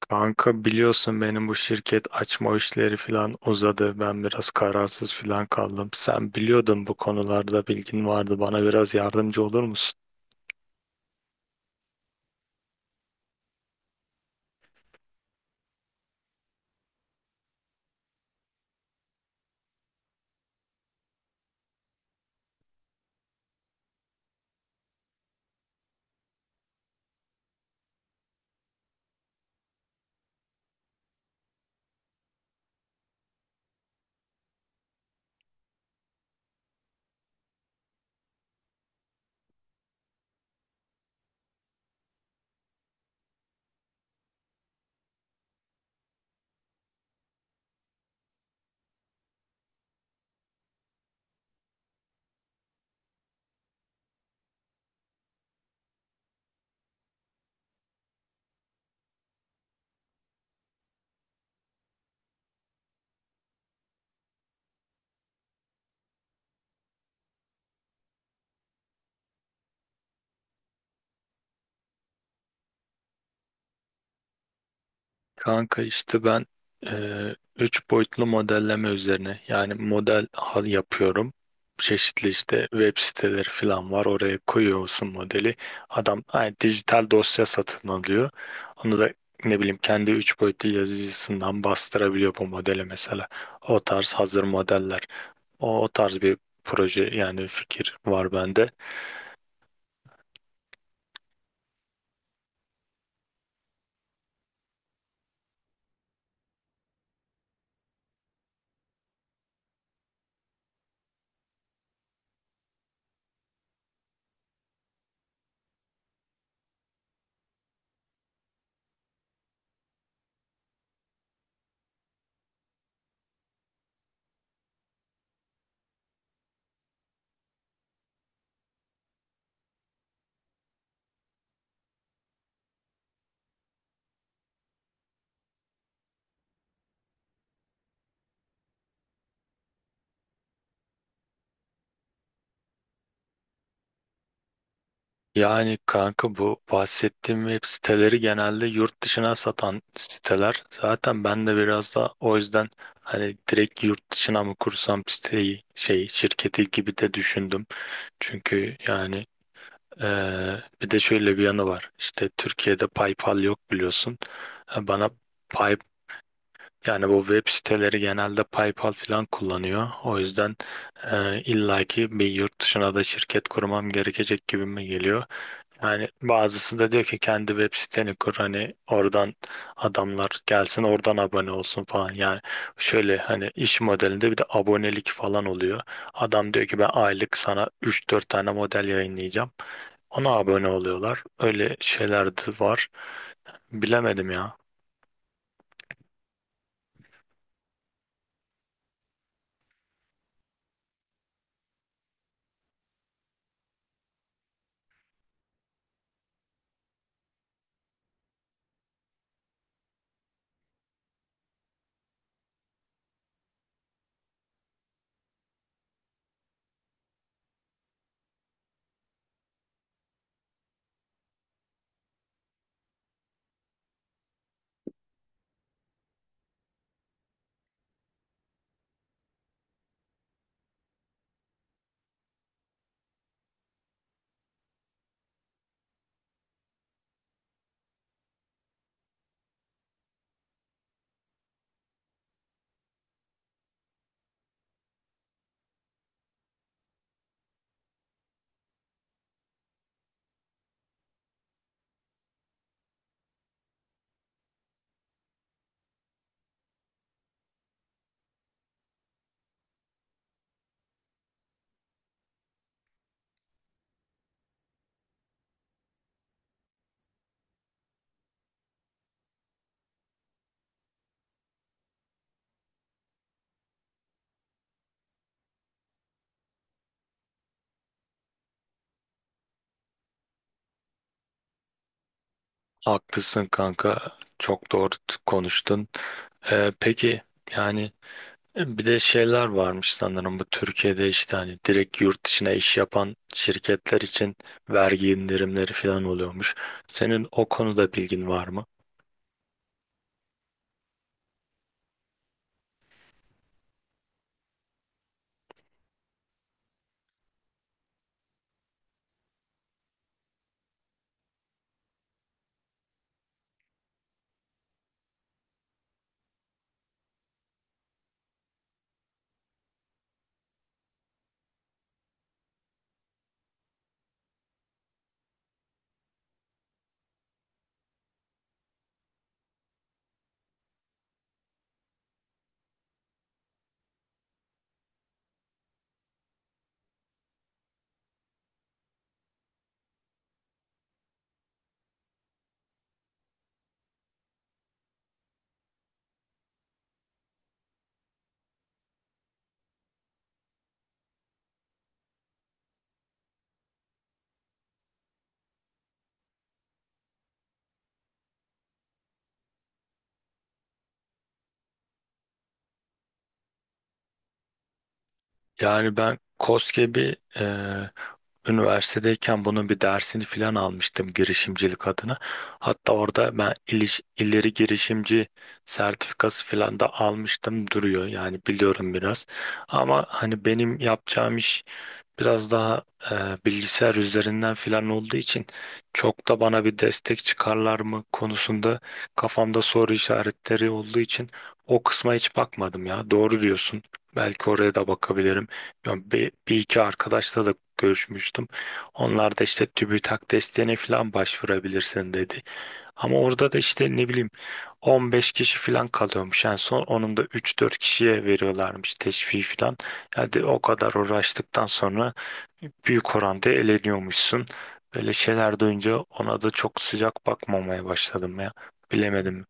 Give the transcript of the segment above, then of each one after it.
Kanka biliyorsun benim bu şirket açma işleri falan uzadı. Ben biraz kararsız falan kaldım. Sen biliyordun, bu konularda bilgin vardı. Bana biraz yardımcı olur musun? Kanka işte ben üç boyutlu modelleme üzerine, yani model hal yapıyorum. Çeşitli işte web siteleri falan var. Oraya koyuyorsun modeli. Adam yani dijital dosya satın alıyor. Onu da ne bileyim kendi üç boyutlu yazıcısından bastırabiliyor bu modeli mesela. O tarz hazır modeller. O tarz bir proje, yani fikir var bende. Yani kanka bu bahsettiğim web siteleri genelde yurt dışına satan siteler. Zaten ben de biraz da o yüzden hani direkt yurt dışına mı kursam siteyi, şey şirketi gibi de düşündüm. Çünkü yani bir de şöyle bir yanı var. İşte Türkiye'de PayPal yok, biliyorsun. Ha, bana yani bu web siteleri genelde PayPal falan kullanıyor. O yüzden illaki bir yurt dışına da şirket kurmam gerekecek gibime geliyor. Yani bazısı da diyor ki kendi web siteni kur, hani oradan adamlar gelsin, oradan abone olsun falan. Yani şöyle, hani iş modelinde bir de abonelik falan oluyor. Adam diyor ki ben aylık sana üç dört tane model yayınlayacağım. Ona abone oluyorlar. Öyle şeyler de var. Bilemedim ya. Haklısın kanka. Çok doğru konuştun. Peki yani, bir de şeyler varmış sanırım, bu Türkiye'de işte hani direkt yurt dışına iş yapan şirketler için vergi indirimleri falan oluyormuş. Senin o konuda bilgin var mı? Yani ben koskoca bir üniversitedeyken bunun bir dersini falan almıştım girişimcilik adına. Hatta orada ben ileri girişimci sertifikası falan da almıştım, duruyor. Yani biliyorum biraz. Ama hani benim yapacağım iş biraz daha e, bilgisayar üzerinden falan olduğu için, çok da bana bir destek çıkarlar mı konusunda kafamda soru işaretleri olduğu için o kısma hiç bakmadım ya. Doğru diyorsun. Belki oraya da bakabilirim. Bir iki arkadaşla da görüşmüştüm. Onlar da işte TÜBİTAK desteğine falan başvurabilirsin dedi. Ama orada da işte ne bileyim 15 kişi falan kalıyormuş. En son onun da üç dört kişiye veriyorlarmış teşvik falan. Yani o kadar uğraştıktan sonra büyük oranda eleniyormuşsun. Böyle şeyler duyunca ona da çok sıcak bakmamaya başladım ya. Bilemedim.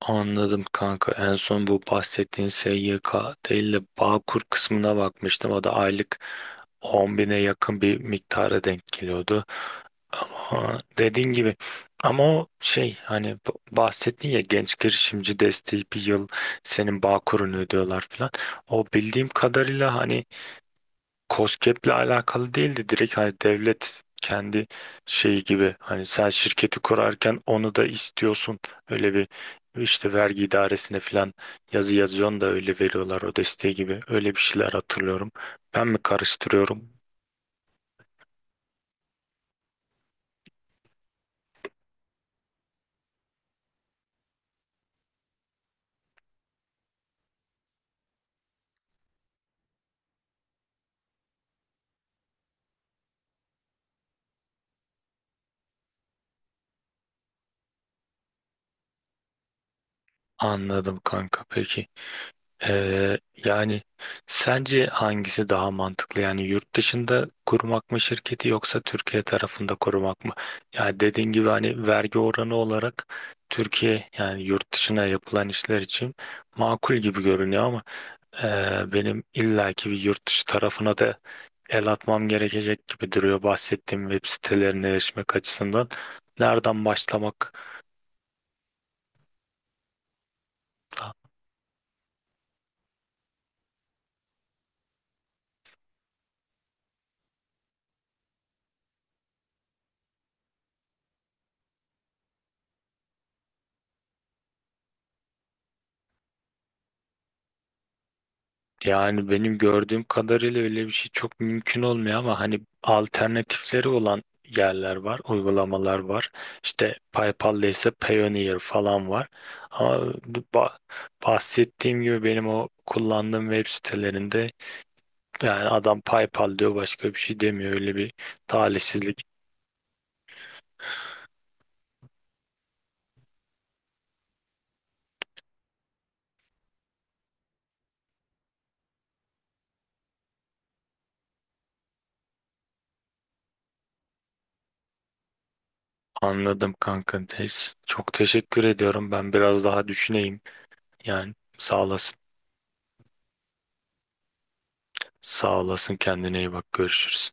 Anladım kanka. En son bu bahsettiğin SYK değil de Bağkur kısmına bakmıştım. O da aylık 10 bine yakın bir miktara denk geliyordu. Ama dediğin gibi, ama o şey, hani bahsettin ya genç girişimci desteği, bir yıl senin Bağkur'unu ödüyorlar falan. O bildiğim kadarıyla hani KOSGEB'le alakalı değildi. Direkt hani devlet kendi şeyi gibi, hani sen şirketi kurarken onu da istiyorsun. Öyle bir işte vergi idaresine falan yazı yazıyorsun da öyle veriyorlar o desteği gibi. Öyle bir şeyler hatırlıyorum. Ben mi karıştırıyorum? Anladım kanka. Peki. Ee, yani sence hangisi daha mantıklı? Yani yurt dışında kurmak mı şirketi, yoksa Türkiye tarafında kurmak mı? Yani dediğin gibi hani vergi oranı olarak Türkiye, yani yurt dışına yapılan işler için makul gibi görünüyor ama benim illaki bir yurt dışı tarafına da el atmam gerekecek gibi duruyor, bahsettiğim web sitelerine erişmek açısından. Nereden başlamak? Yani benim gördüğüm kadarıyla öyle bir şey çok mümkün olmuyor ama hani alternatifleri olan yerler var, uygulamalar var. İşte PayPal'da ise Payoneer falan var. Ama bahsettiğim gibi benim o kullandığım web sitelerinde yani adam PayPal diyor, başka bir şey demiyor. Öyle bir talihsizlik. Anladım kanka. Neyse, çok teşekkür ediyorum. Ben biraz daha düşüneyim. Yani sağ olasın. Sağ olasın, kendine iyi bak. Görüşürüz.